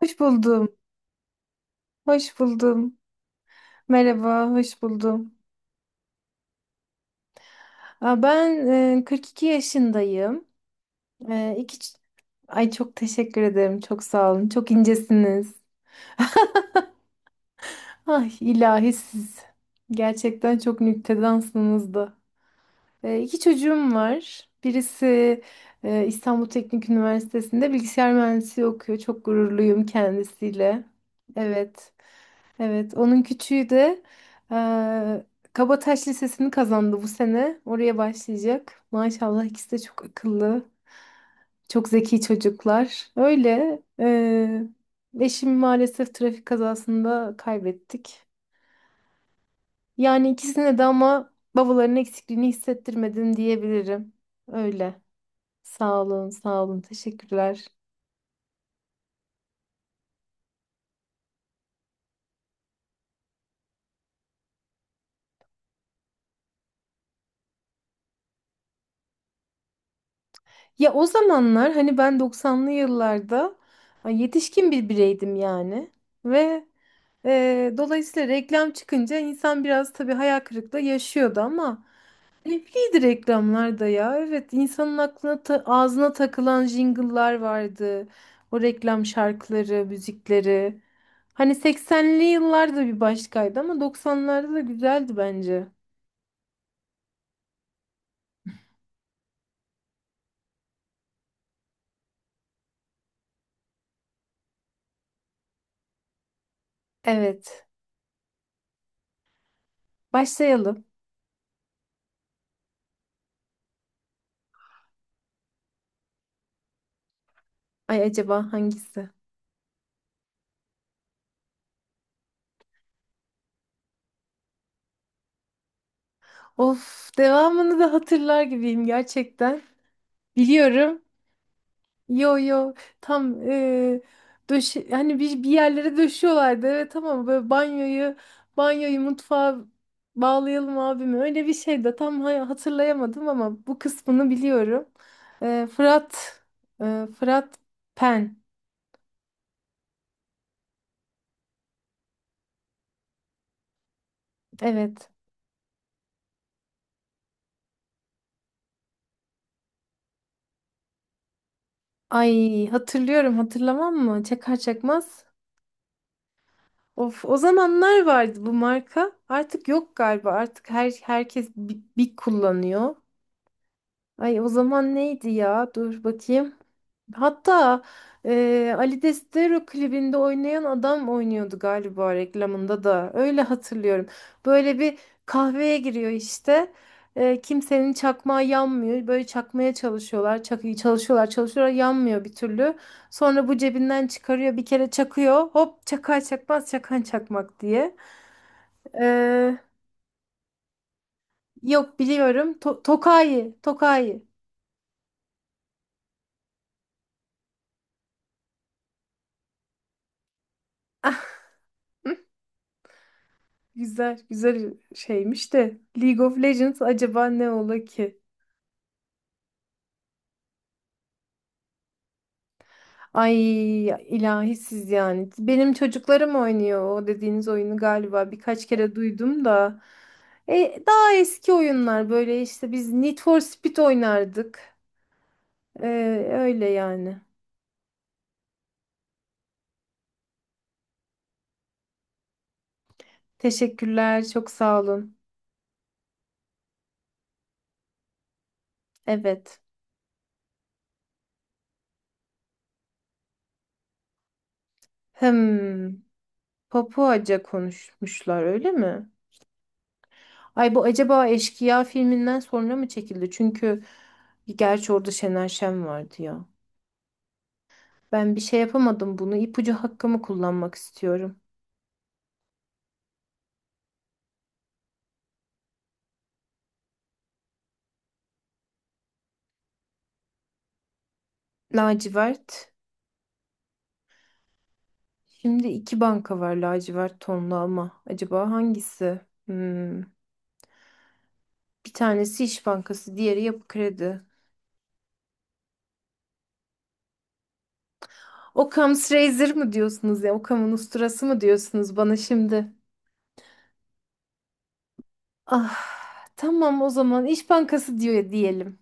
Hoş buldum. Hoş buldum. Merhaba, hoş buldum. Aa, ben 42 yaşındayım. E, iki ç- Ay çok teşekkür ederim. Çok sağ olun. Çok incesiniz. Ay ilahi siz. Gerçekten çok nüktedansınız da. İki çocuğum var. Birisi İstanbul Teknik Üniversitesi'nde bilgisayar mühendisliği okuyor. Çok gururluyum kendisiyle. Evet. Evet, onun küçüğü de eee Kabataş Lisesi'ni kazandı bu sene. Oraya başlayacak. Maşallah ikisi de çok akıllı, çok zeki çocuklar. Öyle. Eşimi maalesef trafik kazasında kaybettik. Yani ikisine de ama babaların eksikliğini hissettirmedim diyebilirim. Öyle. Sağ olun, sağ olun. Teşekkürler. Ya o zamanlar hani ben 90'lı yıllarda, ay, yetişkin bir bireydim yani. Ve dolayısıyla reklam çıkınca insan biraz tabii hayal kırıklığı yaşıyordu ama keyifliydi reklamlar da ya. Evet, insanın aklına ağzına takılan jingle'lar vardı. O reklam şarkıları, müzikleri. Hani 80'li yıllarda bir başkaydı ama 90'larda da güzeldi bence. Evet. Başlayalım. Ay, acaba hangisi? Of, devamını da hatırlar gibiyim gerçekten. Biliyorum. Yo yo, tam döşe hani bir yerlere döşüyorlardı evet, ama böyle banyoyu mutfağa bağlayalım abime öyle bir şey de tam hatırlayamadım ama bu kısmını biliyorum. Eee, Fırat Fırat Pen. Evet, ay, hatırlıyorum, hatırlamam mı çakar çakmaz. Of, o zamanlar vardı bu marka, artık yok galiba, artık herkes bir kullanıyor. Ay, o zaman neydi ya? Dur bakayım. Hatta Ali Destero klibinde oynayan adam oynuyordu galiba reklamında da. Öyle hatırlıyorum. Böyle bir kahveye giriyor işte. Kimsenin çakmağı yanmıyor. Böyle çakmaya çalışıyorlar. Çalışıyorlar, çalışıyorlar. Yanmıyor bir türlü. Sonra bu cebinden çıkarıyor. Bir kere çakıyor. Hop, çakar çakmaz çakan çakmak diye. Eee, Yok, biliyorum. Tokayi. Tokayi. Güzel, güzel şeymiş de League of Legends acaba ne ola ki? Ay ilahi siz yani. Benim çocuklarım oynuyor o dediğiniz oyunu, galiba birkaç kere duydum da. Daha eski oyunlar, böyle işte biz Need for Speed oynardık. E, Öyle yani. Teşekkürler, çok sağ olun. Evet. Hmm, Papuaca konuşmuşlar öyle mi? Ay, bu acaba Eşkıya filminden sonra mı çekildi? Çünkü gerçi orada Şener Şen vardı ya. Ben bir şey yapamadım bunu. İpucu hakkımı kullanmak istiyorum. Lacivert. Şimdi iki banka var lacivert tonlu ama. Acaba hangisi? Hmm. Bir tanesi İş Bankası, diğeri Yapı Kredi. Occam's Razor mı diyorsunuz ya? Occam'ın usturası mı diyorsunuz bana şimdi? Ah, tamam, o zaman İş Bankası diyor diyelim.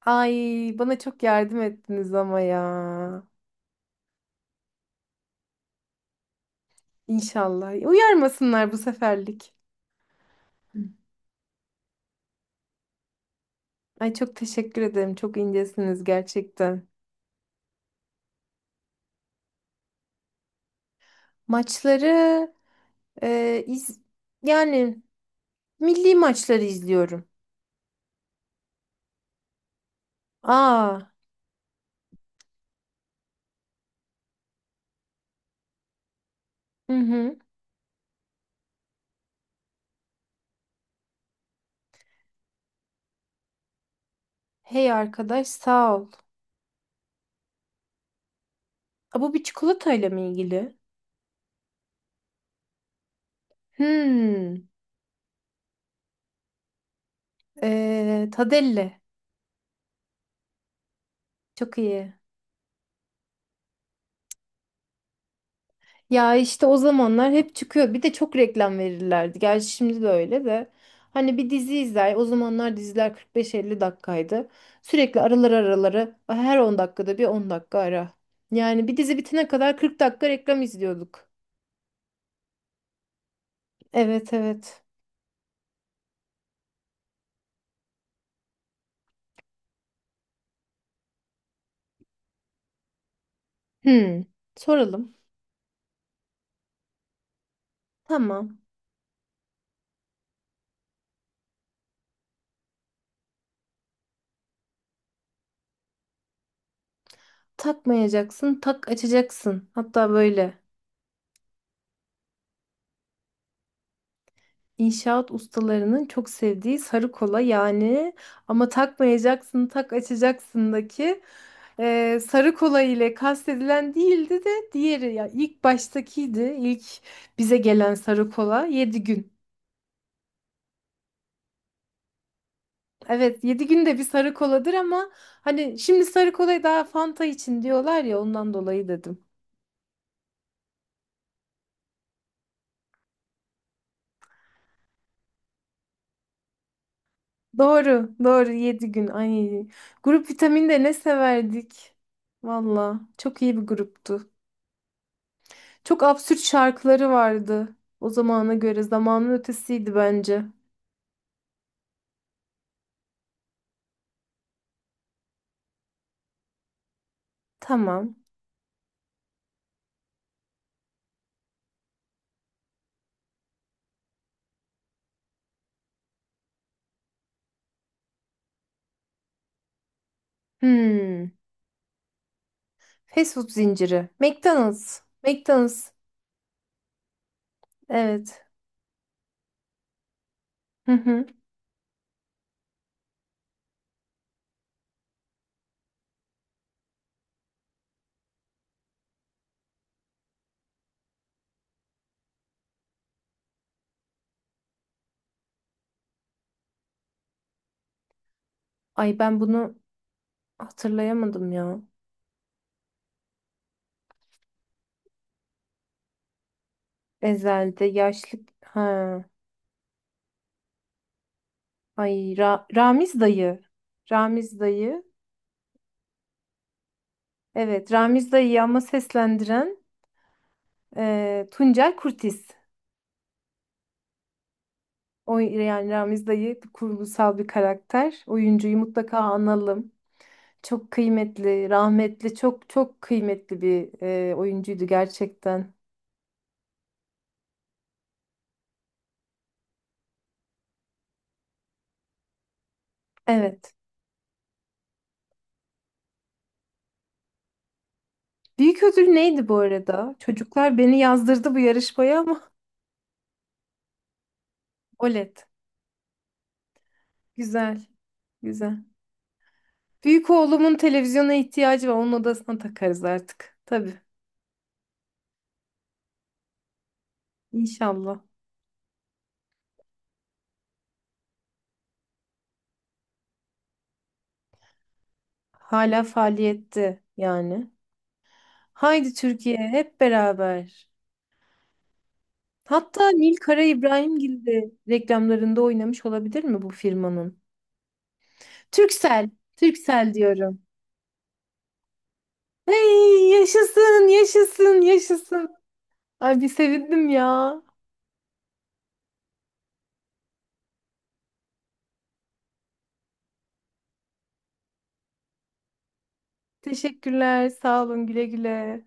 Ay, bana çok yardım ettiniz ama ya. İnşallah. Uyarmasınlar bu seferlik. Hı. Ay çok teşekkür ederim. Çok incesiniz gerçekten. Maçları, e, iz, yani milli maçları izliyorum. Aa, hı hı. Hey arkadaş, sağ ol. Aa, bu bir çikolatayla mı ilgili? Hmm. Tadelle. Çok iyi. Ya işte o zamanlar hep çıkıyor. Bir de çok reklam verirlerdi. Gerçi şimdi de öyle de. Hani bir dizi izler. O zamanlar diziler 45-50 dakikaydı. Sürekli araları "Ah, her 10 dakikada bir 10 dakika ara." Yani bir dizi bitene kadar 40 dakika reklam izliyorduk. Evet evet. Hmm. Soralım. Tamam. Takmayacaksın, tak açacaksın. Hatta böyle. İnşaat ustalarının çok sevdiği sarı kola yani, ama takmayacaksın tak açacaksındaki sarı kola ile kastedilen değildi de, diğeri, ya, ilk baştakiydi, ilk bize gelen sarı kola 7 gün. Evet, 7 gün de bir sarı koladır ama hani şimdi sarı kolayı daha Fanta için diyorlar ya, ondan dolayı dedim. Doğru doğru, 7 gün, ay, grup vitaminde ne severdik. Valla çok iyi bir gruptu. Çok absürt şarkıları vardı. O zamana göre zamanın ötesiydi bence. Tamam. Hmm. Fast food zinciri. McDonald's. McDonald's. Evet. Hı hı. Ay ben bunu hatırlayamadım ya. Ezel'de yaşlı... Ha. Ay, Ramiz dayı. Ramiz dayı. Evet, Ramiz dayıyı ama seslendiren Tuncel Kurtiz. O, yani Ramiz dayı kurgusal bir karakter. Oyuncuyu mutlaka analım. Çok kıymetli, rahmetli, çok çok kıymetli bir oyuncuydu gerçekten. Evet. Büyük ödül neydi bu arada? Çocuklar beni yazdırdı bu yarışmaya ama OLED. Güzel, güzel. Büyük oğlumun televizyona ihtiyacı var. Onun odasına takarız artık. Tabii, İnşallah. Hala faaliyette yani. Haydi Türkiye hep beraber. Hatta Nil Kara İbrahimgil de reklamlarında oynamış olabilir mi bu firmanın? Türksel, Türksel diyorum. Hey, yaşasın, yaşasın, yaşasın. Ay bir sevindim ya. Teşekkürler, sağ olun, güle güle.